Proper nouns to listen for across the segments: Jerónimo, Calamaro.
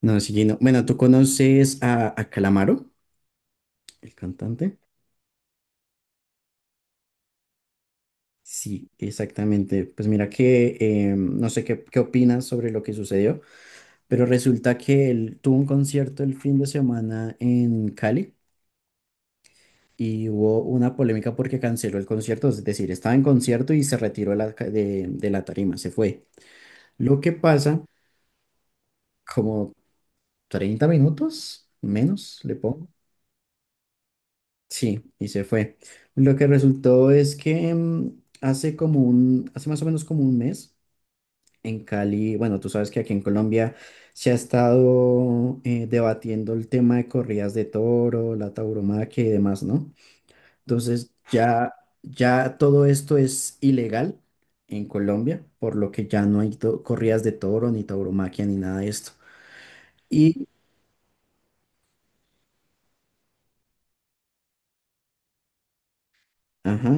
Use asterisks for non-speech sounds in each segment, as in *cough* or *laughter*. No, sí, no. Bueno, ¿tú conoces a Calamaro, el cantante? Sí, exactamente. Pues mira que no sé qué, qué opinas sobre lo que sucedió, pero resulta que él tuvo un concierto el fin de semana en Cali y hubo una polémica porque canceló el concierto, es decir, estaba en concierto y se retiró de la, de la tarima, se fue. Lo que pasa, como 30 minutos menos, le pongo. Sí, y se fue. Lo que resultó es que hace como un, hace más o menos como un mes en Cali, bueno, tú sabes que aquí en Colombia se ha estado debatiendo el tema de corridas de toro, la tauromaquia y demás, ¿no? Entonces ya, ya todo esto es ilegal en Colombia, por lo que ya no hay corridas de toro, ni tauromaquia, ni nada de esto. Y, ajá,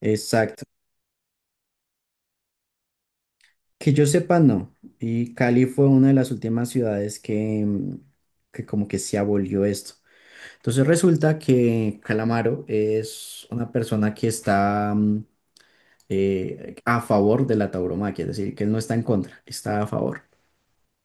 exacto. Que yo sepa, no. Y Cali fue una de las últimas ciudades que, que como que se abolió esto. Entonces resulta que Calamaro es una persona que está a favor de la tauromaquia, es decir, que él no está en contra, está a favor.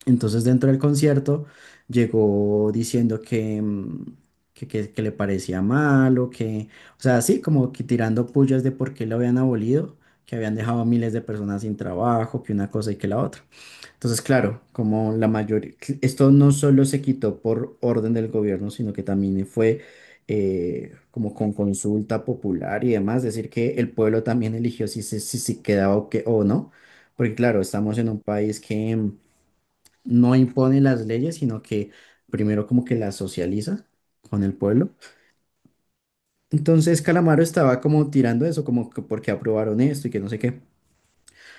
Entonces dentro del concierto llegó diciendo que, que, que le parecía malo, que, o sea, así como que tirando pullas de por qué lo habían abolido, que habían dejado a miles de personas sin trabajo, que una cosa y que la otra. Entonces, claro, como la mayoría, esto no solo se quitó por orden del gobierno, sino que también fue como con consulta popular y demás, decir que el pueblo también eligió si se quedaba o, que, o no, porque claro, estamos en un país que no impone las leyes, sino que primero como que las socializa con el pueblo. Entonces, Calamaro estaba como tirando eso, como que porque aprobaron esto y que no sé qué.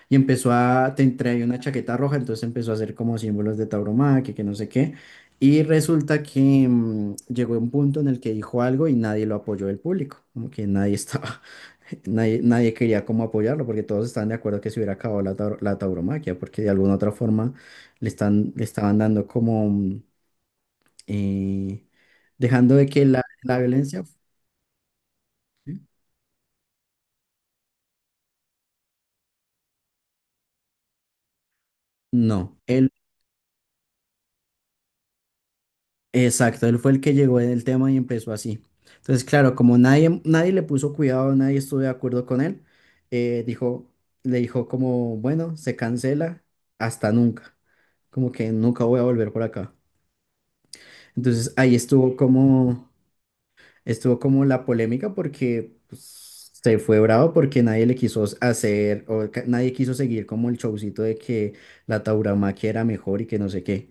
Y empezó a, te traía una chaqueta roja, entonces empezó a hacer como símbolos de tauromaquia, que no sé qué. Y resulta que llegó un punto en el que dijo algo y nadie lo apoyó del público, como que nadie estaba, *laughs* nadie, nadie quería como apoyarlo, porque todos estaban de acuerdo que se hubiera acabado la, la tauromaquia, porque de alguna otra forma le están, le estaban dando como, eh, dejando de que la violencia... ¿Sí? No, él exacto, él fue el que llegó en el tema y empezó así. Entonces, claro, como nadie, nadie le puso cuidado, nadie estuvo de acuerdo con él, dijo, le dijo como, bueno, se cancela hasta nunca, como que nunca voy a volver por acá. Entonces ahí estuvo como la polémica porque pues, se fue bravo porque nadie le quiso hacer, o nadie quiso seguir como el showcito de que la tauromaquia era mejor y que no sé qué.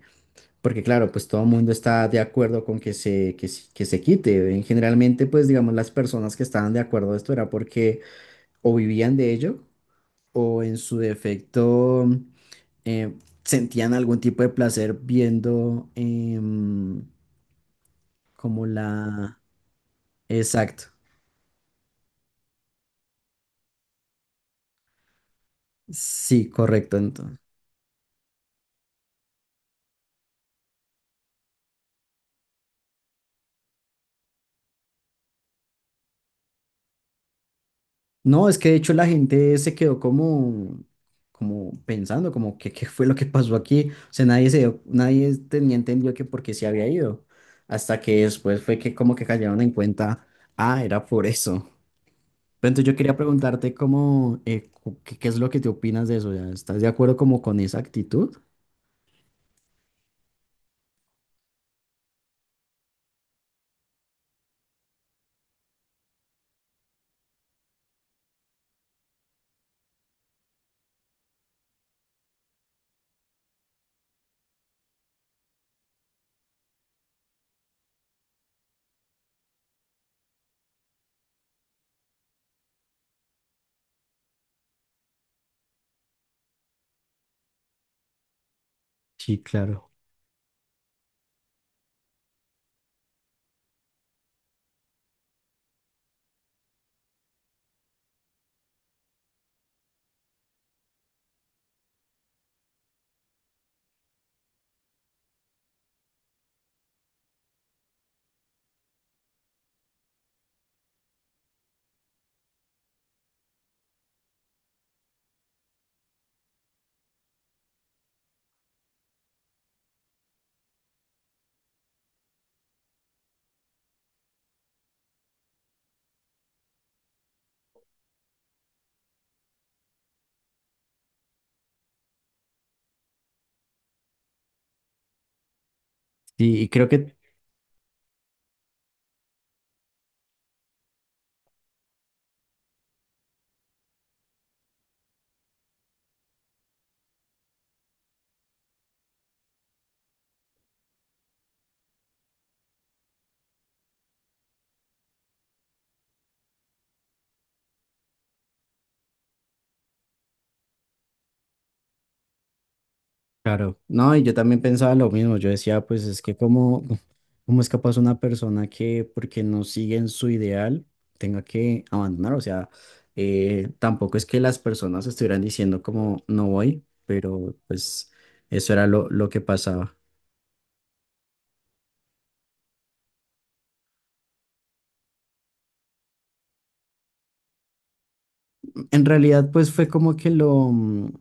Porque claro, pues todo el mundo está de acuerdo con que se, que, se quite. En generalmente, pues digamos, las personas que estaban de acuerdo de esto era porque o vivían de ello o en su defecto eh, sentían algún tipo de placer viendo como la... Exacto. Sí, correcto, entonces. No, es que de hecho la gente se quedó como, como pensando, como que qué fue lo que pasó aquí. O sea, nadie se dio- nadie tenía entendido que por qué se había ido. Hasta que después fue que como que cayeron en cuenta, ah, era por eso. Pero entonces yo quería preguntarte cómo, qué, qué es lo que te opinas de eso. Ya, ¿estás de acuerdo como con esa actitud? Sí, claro. Sí, y creo que claro, no, y yo también pensaba lo mismo, yo decía, pues es que cómo, cómo es capaz una persona que porque no sigue en su ideal tenga que abandonar, o sea, tampoco es que las personas estuvieran diciendo como no voy, pero pues eso era lo que pasaba. En realidad, pues fue como que lo,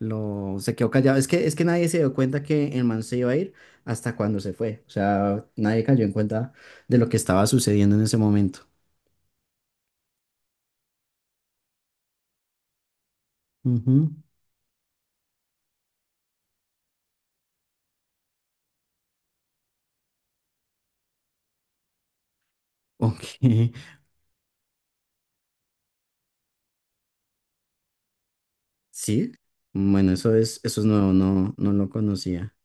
lo, se quedó callado, es que nadie se dio cuenta que el man se iba a ir hasta cuando se fue, o sea, nadie cayó en cuenta de lo que estaba sucediendo en ese momento. Ujú. Ok, *laughs* sí, bueno, eso es nuevo, no, no lo conocía.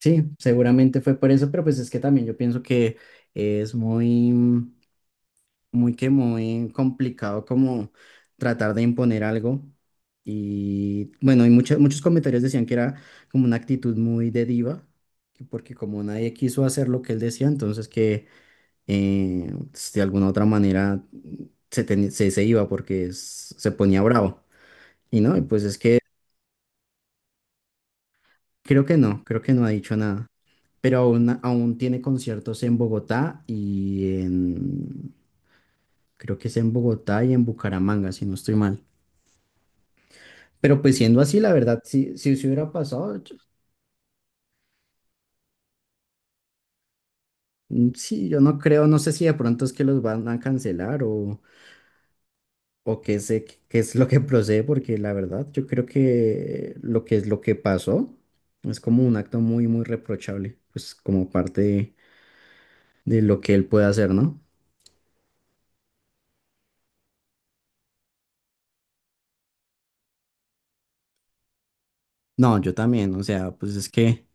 Sí, seguramente fue por eso, pero pues es que también yo pienso que es muy, muy que muy complicado como tratar de imponer algo. Y bueno, y muchos, muchos comentarios decían que era como una actitud muy de diva, que porque como nadie quiso hacer lo que él decía, entonces que pues, de alguna otra manera se, se, se iba porque se ponía bravo. Y no, y pues es que creo que no, creo que no ha dicho nada, pero aún, aún tiene conciertos en Bogotá y en, creo que es en Bogotá y en Bucaramanga, si no estoy mal. Pero pues siendo así, la verdad, si, si se hubiera pasado, yo- sí, yo no creo, no sé si de pronto es que los van a cancelar o qué sé, qué es lo que procede, porque la verdad, yo creo que lo que es lo que pasó es como un acto muy, muy reprochable, pues como parte de lo que él puede hacer, ¿no? No, yo también, o sea, pues es que...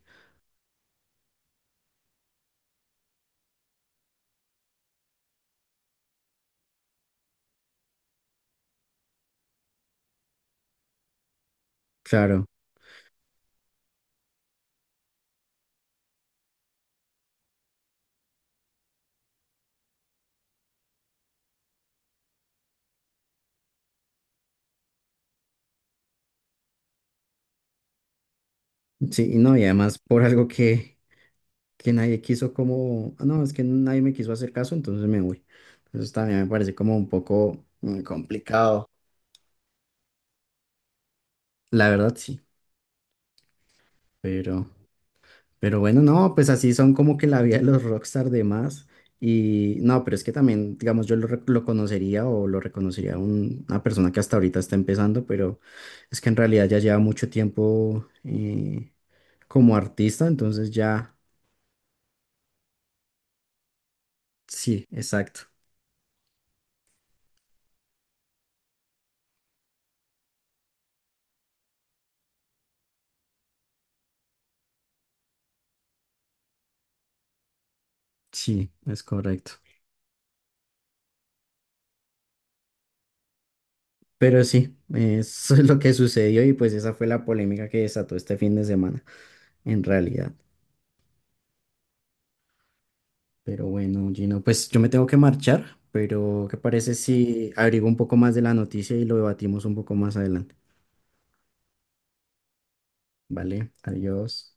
Claro, sí, y no, y además por algo que nadie quiso como, "Ah, no, es que nadie me quiso hacer caso, entonces me voy". Entonces también me parece como un poco complicado, la verdad sí, pero, pero bueno, no, pues así son como que la vida de los rockstar de más, y no, pero es que también, digamos, lo conocería o lo reconocería a una persona que hasta ahorita está empezando, pero es que en realidad ya lleva mucho tiempo como artista, entonces ya, sí, exacto. Sí, es correcto. Pero sí, eso *laughs* es lo que sucedió y pues esa fue la polémica que desató este fin de semana, en realidad. Pero bueno, Gino, pues yo me tengo que marchar, pero ¿qué parece si abrigo un poco más de la noticia y lo debatimos un poco más adelante? Vale, adiós.